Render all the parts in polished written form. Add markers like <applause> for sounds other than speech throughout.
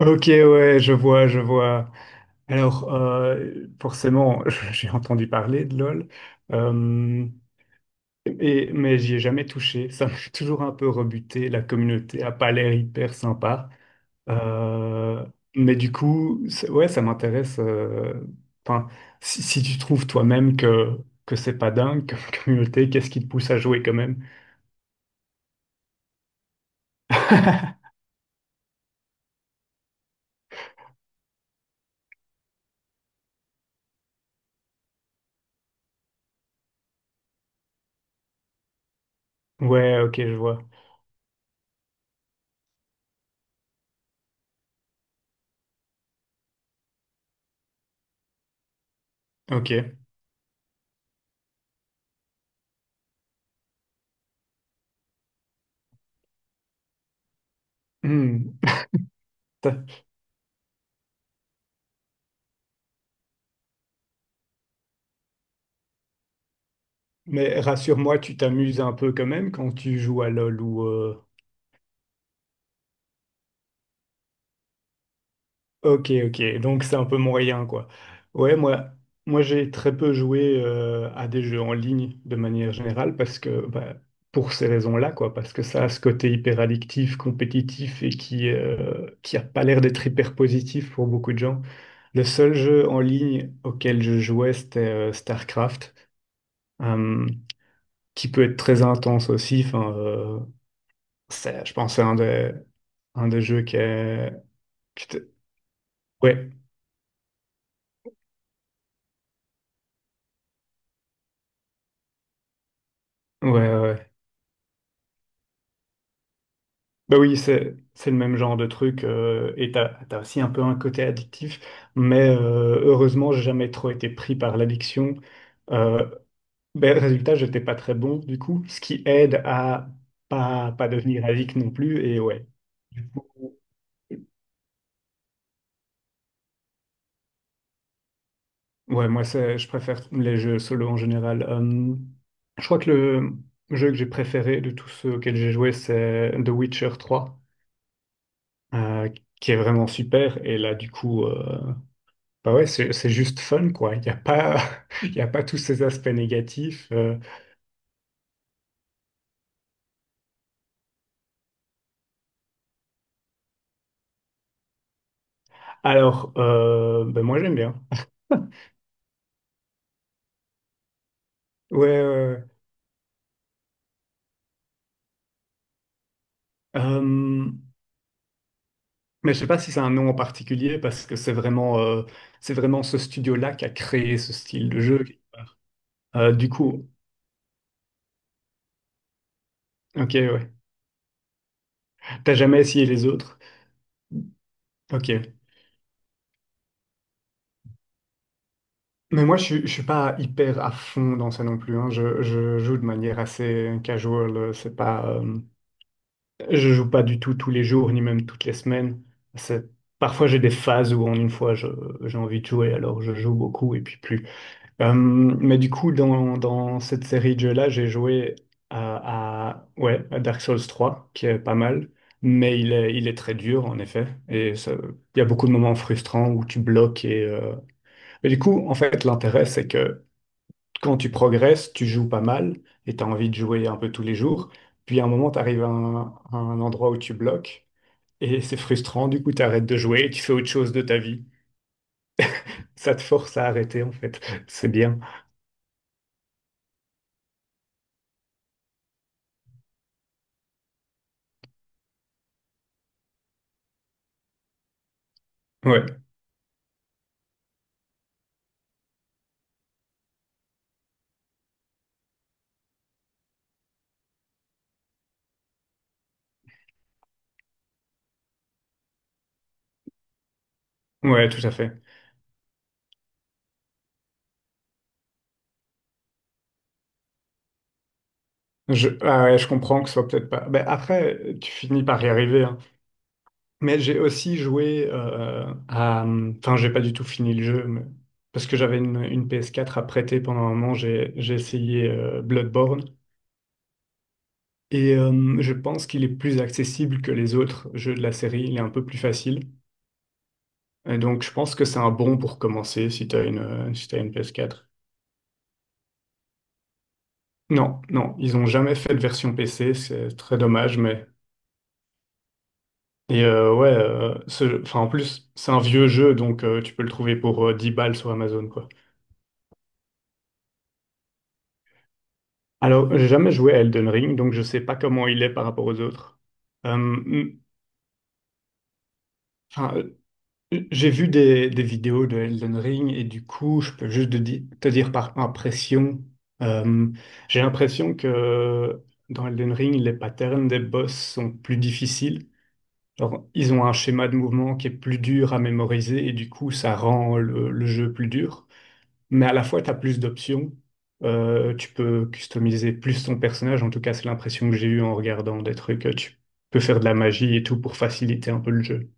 Ok, ouais, je vois, je vois. Alors, euh, Forcément, <laughs> j'ai entendu parler de LOL, euh, mais j'y ai jamais touché. Ça m'a <laughs> toujours un peu rebuté. La communauté a pas l'air hyper sympa. Euh, mais du coup, ouais, ça m'intéresse. Enfin, Si, tu trouves toi-même que c'est pas dingue comme <laughs> communauté, qu'est-ce qui te pousse à jouer quand même? Ouais, ok, je vois. Ok. Hmm. Mais rassure-moi, tu t'amuses un peu quand même quand tu joues à LoL ou... Ok, ok, donc c'est un peu moyen, quoi. Ouais, moi j'ai très peu joué à des jeux en ligne de manière générale parce que, bah, pour ces raisons-là, quoi, parce que ça a ce côté hyper addictif, compétitif et qui a pas l'air d'être hyper positif pour beaucoup de gens. Le seul jeu en ligne auquel je jouais, c'était StarCraft, euh, qui peut être très intense aussi. Je pense que c'est un des jeux qui est... qui te- Ouais, ouais, ouais. Bah oui, c'est le même genre de truc et t'as aussi un peu un côté addictif, mais heureusement, j'ai jamais trop été pris par l'addiction. Euh, Résultat, j'étais pas très bon du coup, ce qui aide à pas devenir addict non plus et ouais. Du coup, ouais, moi c'est je préfère les jeux solo en général. Je crois que le jeu que j'ai préféré de tous ceux auxquels j'ai joué, c'est The Witcher trois euh, qui est vraiment super. Et là, bah ouais, c'est juste fun, quoi. Il n'y a pas, <laughs> il y a pas tous ces aspects négatifs. Alors, ben moi, j'aime bien. <laughs> Ouais, ouais, ouais. Euh, mais je sais pas si c'est un nom en particulier parce que c'est vraiment ce studio-là qui a créé ce style de jeu. Euh, du coup, ok, ouais. T'as jamais essayé les autres? Ok. Mais moi, je suis pas hyper à fond dans ça non plus. Hein. Je joue de manière assez casual. C'est pas. Je joue pas du tout tous les jours, ni même toutes les semaines. C'est- Parfois, j'ai des phases où en une fois, je- j'ai envie de jouer, alors je joue beaucoup et puis plus. Mais du coup, dans cette série de jeux-là, j'ai joué ouais, à Dark Souls 3, qui est pas mal, mais il est très dur, en effet. Et ça- il y a beaucoup de moments frustrants où tu bloques. Mais du coup, en fait, l'intérêt, c'est que quand tu progresses, tu joues pas mal et tu as envie de jouer un peu tous les jours. Puis à un moment, tu arrives à un endroit où tu bloques. Et c'est frustrant, du coup, tu arrêtes de jouer et tu fais autre chose de ta vie. Ça te force à arrêter, en fait. <laughs> C'est bien. Ouais, ouais, tout à fait. Ah ouais, je comprends que ce soit peut-être pas. Ben, après, tu finis par y arriver. Hein. Mais j'ai aussi joué à. Enfin, j'ai pas du tout fini le jeu, mais- parce que j'avais une PS4 à prêter pendant un moment. J'ai essayé Bloodborne. Et je pense qu'il est plus accessible que les autres jeux de la série. Il est un peu plus facile. Et donc, je pense que c'est un bon pour commencer si si t'as une PS4. Non, non, ils ont jamais fait de version PC, c'est très dommage, mais... Et ouais, ce jeu- enfin, en plus, c'est un vieux jeu, donc tu peux le trouver pour 10 balles sur Amazon, quoi. Alors, j'ai jamais joué à Elden Ring, donc je sais pas comment il est par rapport aux autres. Euh, mm, enfin, euh, j'ai vu des vidéos de Elden Ring, et du coup, je peux juste te dire par impression, euh, j'ai l'impression que dans Elden Ring, les patterns des boss sont plus difficiles. Genre, ils ont un schéma de mouvement qui est plus dur à mémoriser et du coup, ça rend le jeu plus dur. Mais à la fois, tu as plus d'options. Tu peux customiser plus ton personnage. En tout cas, c'est l'impression que j'ai eue en regardant des trucs. Tu peux faire de la magie et tout pour faciliter un peu le jeu.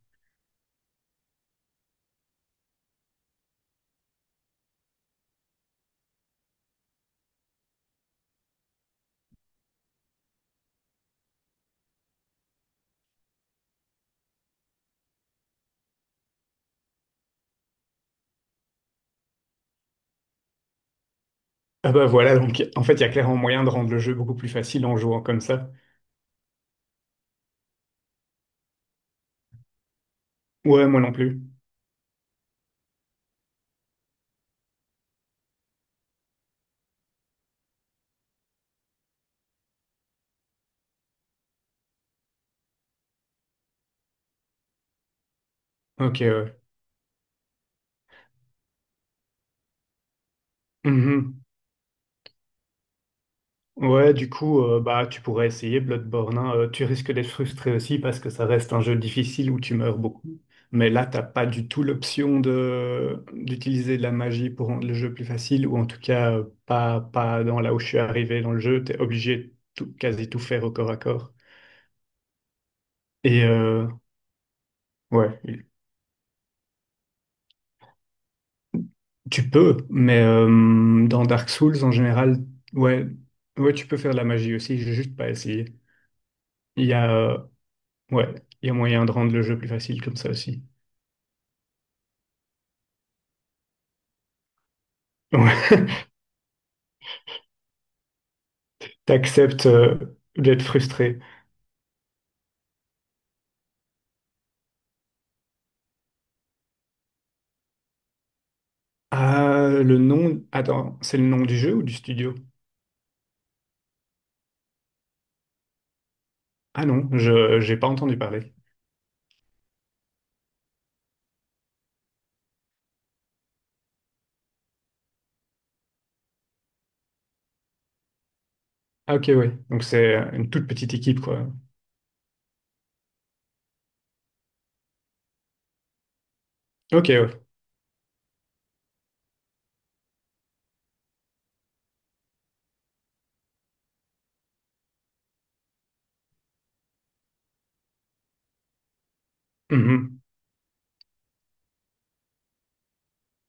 Ah bah voilà, donc en fait, il y a clairement moyen de rendre le jeu beaucoup plus facile en jouant comme ça. Ouais, moi non plus. Ok, ouais. Mhm. Ouais, du coup, bah, tu pourrais essayer Bloodborne. Hein. Tu risques d'être frustré aussi parce que ça reste un jeu difficile où tu meurs beaucoup. Mais là, t'as pas du tout l'option de d'utiliser de la magie pour rendre le jeu plus facile, ou en tout cas pas dans là où je suis arrivé dans le jeu. T'es obligé de tout, quasi tout faire au corps à corps. Et ouais, tu peux, mais dans Dark Souls en général, ouais, ouais, tu peux faire de la magie aussi. J'ai juste pas essayé. Il y a Ouais, il y a moyen de rendre le jeu plus facile comme ça aussi. Ouais, <laughs> t'acceptes d'être frustré. Ah, le nom. Attends, c'est le nom du jeu ou du studio? Ah non, je j'ai pas entendu parler. Ah ok, ouais. Donc c'est une toute petite équipe, quoi. Ok, ouais. Mhm.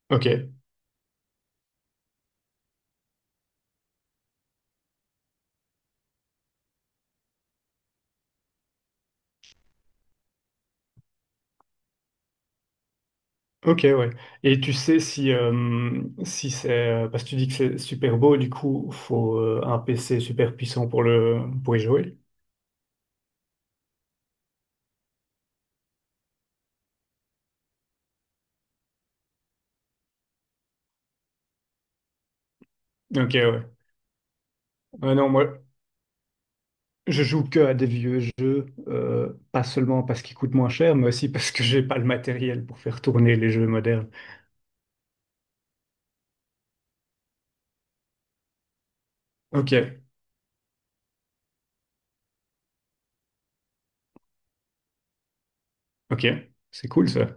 Ok. Ok, ouais. Et tu sais si, si c'est. Parce que tu dis que c'est super beau, du coup, faut un PC super puissant pour le pour y jouer. Ok, ouais. Ah non, moi, Je joue que à des vieux jeux, pas seulement parce qu'ils coûtent moins cher, mais aussi parce que j'ai pas le matériel pour faire tourner les jeux modernes. Ok, ok, c'est cool ça.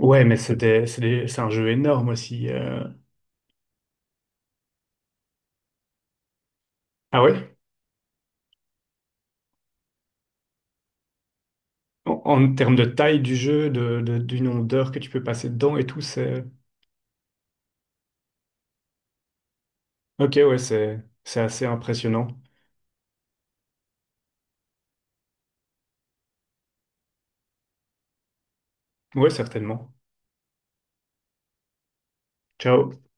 Ouais, mais c'est un jeu énorme aussi. Ah ouais? En termes de taille du jeu, du nombre d'heures que tu peux passer dedans et tout, c'est... Ok, ouais, c'est assez impressionnant. Ouais, certainement. Ciao.